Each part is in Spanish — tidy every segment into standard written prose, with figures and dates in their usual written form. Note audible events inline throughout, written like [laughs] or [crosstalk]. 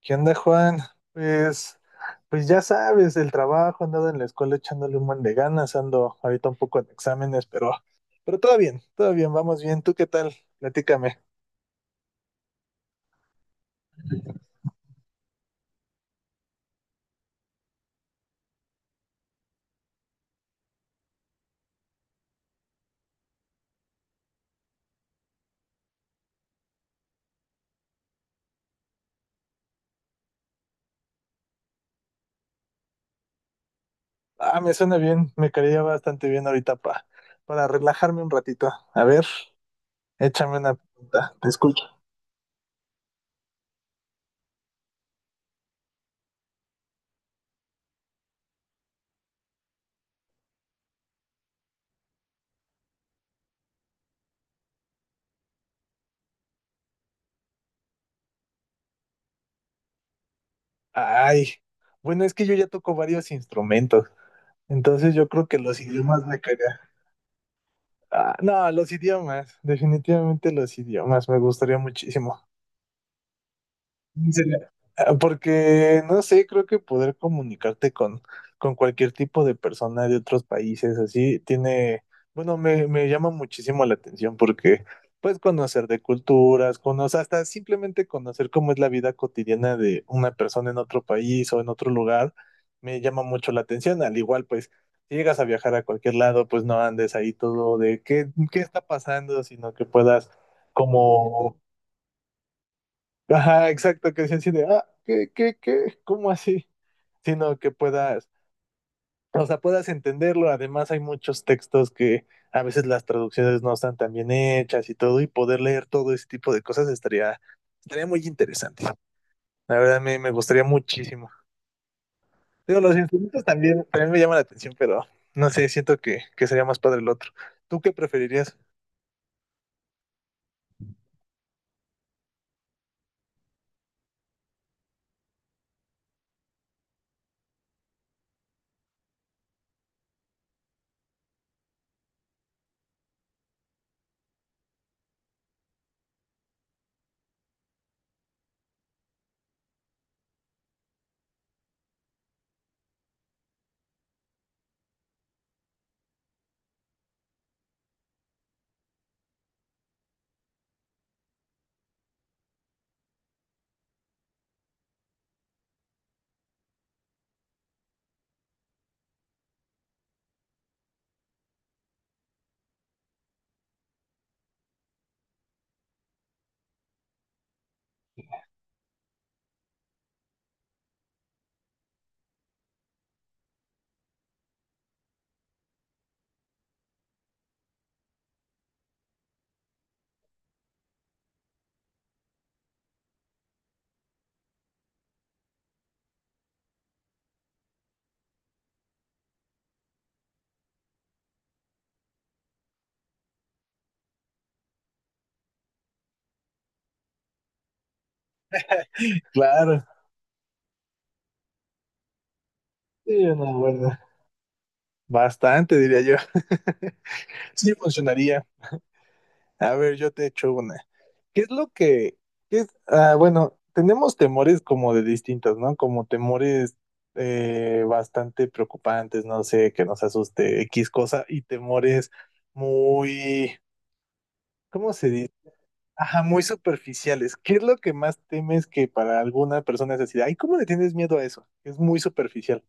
¿Qué onda, Juan? Pues, pues ya sabes, el trabajo, andado en la escuela echándole un buen de ganas, ando ahorita un poco en exámenes, pero todo bien, vamos bien. ¿Tú qué tal? Platícame. Ah, me suena bien, me caería bastante bien ahorita para relajarme un ratito. A ver, échame una pregunta, te escucho. Ay, bueno, es que yo ya toco varios instrumentos, entonces yo creo que los idiomas me caería. Ah, no, los idiomas, definitivamente los idiomas, me gustaría muchísimo. Se Porque, no sé, creo que poder comunicarte con cualquier tipo de persona de otros países, así, tiene, bueno, me llama muchísimo la atención porque puedes conocer de culturas, conocer, hasta simplemente conocer cómo es la vida cotidiana de una persona en otro país o en otro lugar, me llama mucho la atención. Al igual, pues, si llegas a viajar a cualquier lado, pues no andes ahí todo de qué está pasando, sino que puedas como... Ajá, exacto, que decían así de, ah, qué? ¿Cómo así? Sino que puedas, o sea, puedas entenderlo. Además, hay muchos textos que a veces las traducciones no están tan bien hechas y todo, y poder leer todo ese tipo de cosas estaría muy interesante. La verdad, me gustaría muchísimo. Digo, los instrumentos también me llaman la atención, pero no sé, siento que sería más padre el otro. ¿Tú qué preferirías? Claro, sí, una buena. Bastante, diría yo. [laughs] Sí, funcionaría. A ver, yo te echo una. ¿Qué es lo que, qué es, ah, bueno, tenemos temores como de distintos, ¿no? Como temores bastante preocupantes, no sé, que nos asuste X cosa, y temores muy, ¿cómo se dice? Ajá, muy superficiales. ¿Qué es lo que más temes, que para alguna persona es decir, ay, ¿cómo le tienes miedo a eso? Es muy superficial.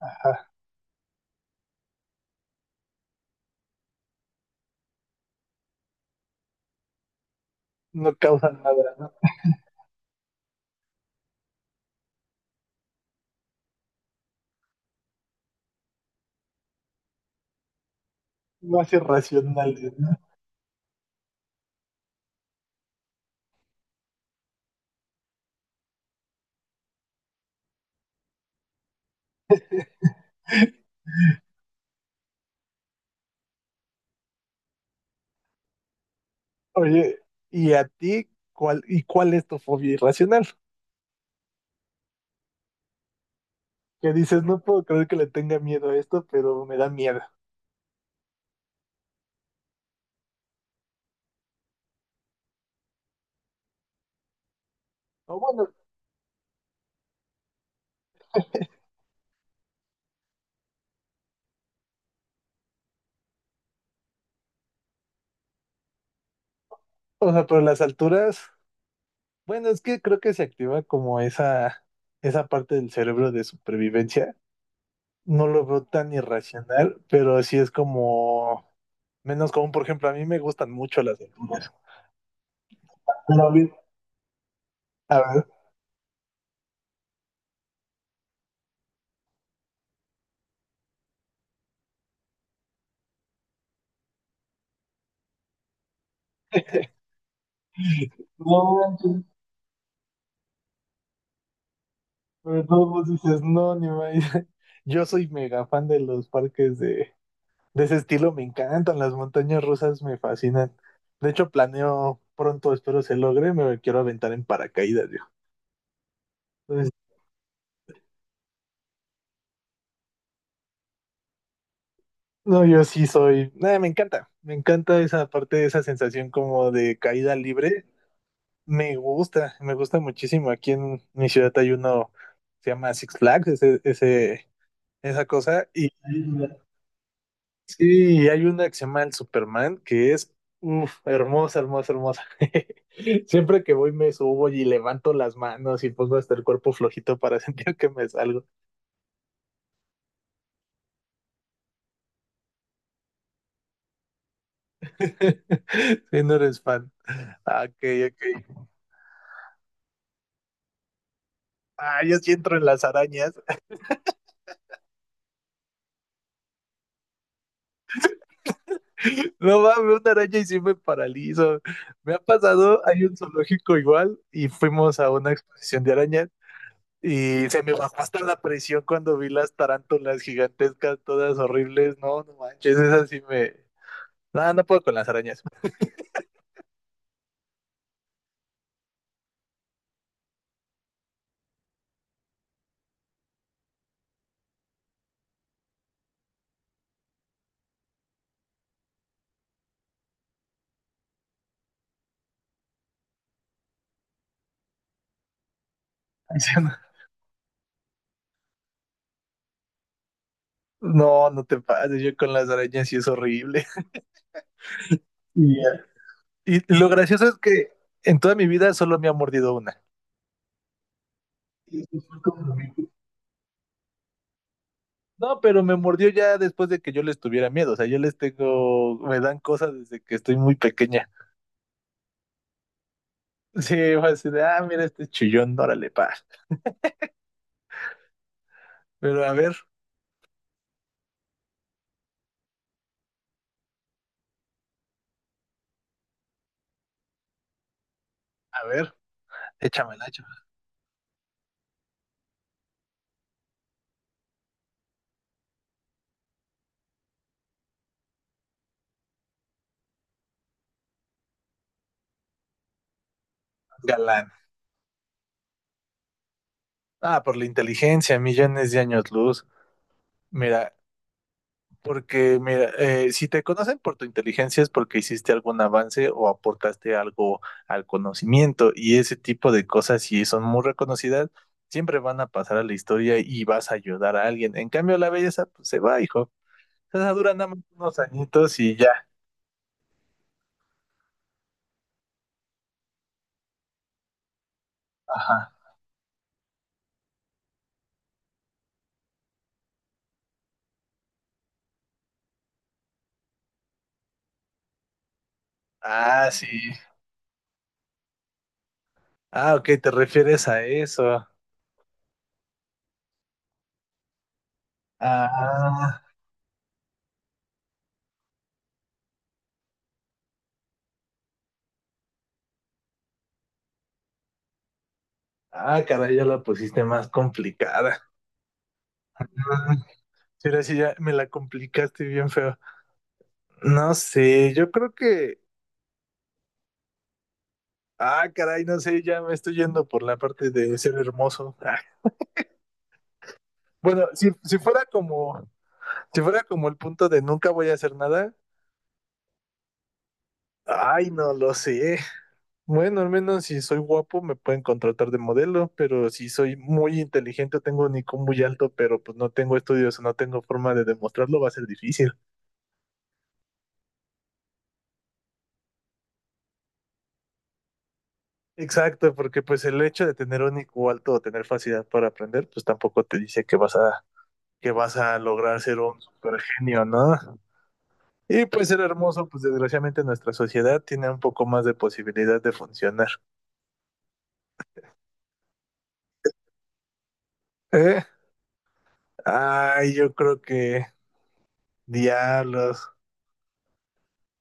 Ajá, no causa nada, ¿no? No hace racional, ¿no? [laughs] Oye, ¿y a ti cuál es tu fobia irracional? Que dices, no puedo creer que le tenga miedo a esto, pero me da miedo. O bueno, o sea, pero las alturas, bueno, es que creo que se activa como esa parte del cerebro de supervivencia. No lo veo tan irracional, pero sí es como menos común. Por ejemplo, a mí me gustan mucho las alturas. Pero a ver, a ver. [laughs] No, manches, pero todos vos dices, no, ni más. [laughs] Yo soy mega fan de los parques de ese estilo, me encantan, las montañas rusas me fascinan. De hecho, planeo pronto, espero se logre, me quiero aventar en paracaídas, yo. Entonces, no, yo sí soy, nada, me encanta esa parte, esa sensación como de caída libre, me gusta muchísimo. Aquí en mi ciudad hay uno, se llama Six Flags, esa cosa. Y sí, hay una que se llama el Superman, que es uf, hermosa, hermosa, hermosa. [laughs] Siempre que voy me subo y levanto las manos y pongo hasta el cuerpo flojito para [laughs] sentir que me salgo. [laughs] Si no eres fan. Ah, ok. Ah, yo sí entro en las arañas. [laughs] No mames, una araña y sí me paralizo. Me ha pasado, hay un zoológico igual y fuimos a una exposición de arañas. Y se me bajó hasta la presión cuando vi las tarántulas gigantescas, todas horribles. No, no manches, esas sí me. No, no puedo con las arañas. [laughs] No, no te pases, yo con las arañas sí es horrible. Y, ya. Y lo gracioso es que en toda mi vida solo me ha mordido una. Y eso fue como mi- No, pero me mordió ya después de que yo les tuviera miedo. O sea, yo les tengo, me dan cosas desde que estoy muy pequeña. Sí, fue así de, ah, mira este chillón, órale, pa. Pero a ver, échamela, échamela. Galán. Ah, por la inteligencia, millones de años luz. Mira, porque mira, si te conocen por tu inteligencia es porque hiciste algún avance o aportaste algo al conocimiento, y ese tipo de cosas, si son muy reconocidas, siempre van a pasar a la historia y vas a ayudar a alguien. En cambio, la belleza, pues se va, hijo. Esa dura nada más unos añitos y ya. Ajá. Ah, sí. Ah, ok, te refieres a eso. Ah, ah, caray, ya la pusiste más complicada. Sí, ahora sí ya me la complicaste bien feo. No sé, yo creo que. Ah, caray, no sé, ya me estoy yendo por la parte de ser hermoso. Ah, bueno, si fuera como, si fuera como el punto de nunca voy a hacer nada, ay, no lo sé. Bueno, al menos si soy guapo me pueden contratar de modelo, pero si soy muy inteligente, tengo un IQ muy alto, pero pues no tengo estudios o no tengo forma de demostrarlo, va a ser difícil. Exacto, porque pues el hecho de tener un IQ alto o tener facilidad para aprender, pues tampoco te dice que vas a lograr ser un super genio, ¿no? Y pues ser hermoso, pues desgraciadamente nuestra sociedad tiene un poco más de posibilidad de funcionar. ¿Eh? Ay, yo creo que diablos.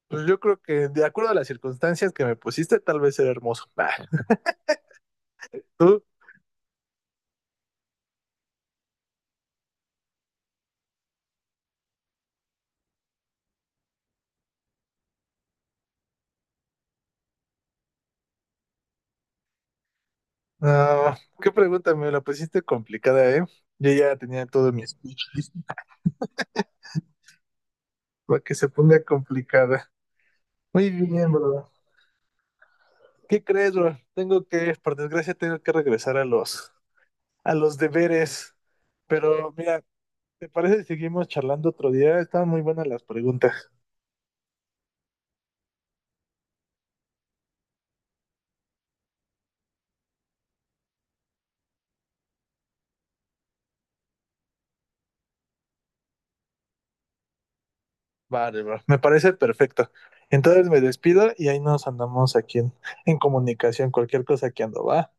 Pues yo creo que de acuerdo a las circunstancias que me pusiste, tal vez ser hermoso. [laughs] Bah. ¿Tú? No, qué pregunta, me la pusiste complicada, ¿eh? Yo ya tenía todo mi speech listo para que se ponga complicada. Muy bien, bro. ¿Qué crees, bro? Tengo que, por desgracia, tengo que regresar a los deberes. Pero mira, ¿te parece si seguimos charlando otro día? Estaban muy buenas las preguntas. Vale, bro. Me parece perfecto. Entonces me despido y ahí nos andamos aquí en comunicación. Cualquier cosa que ando, va.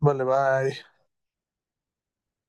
Vale, bye.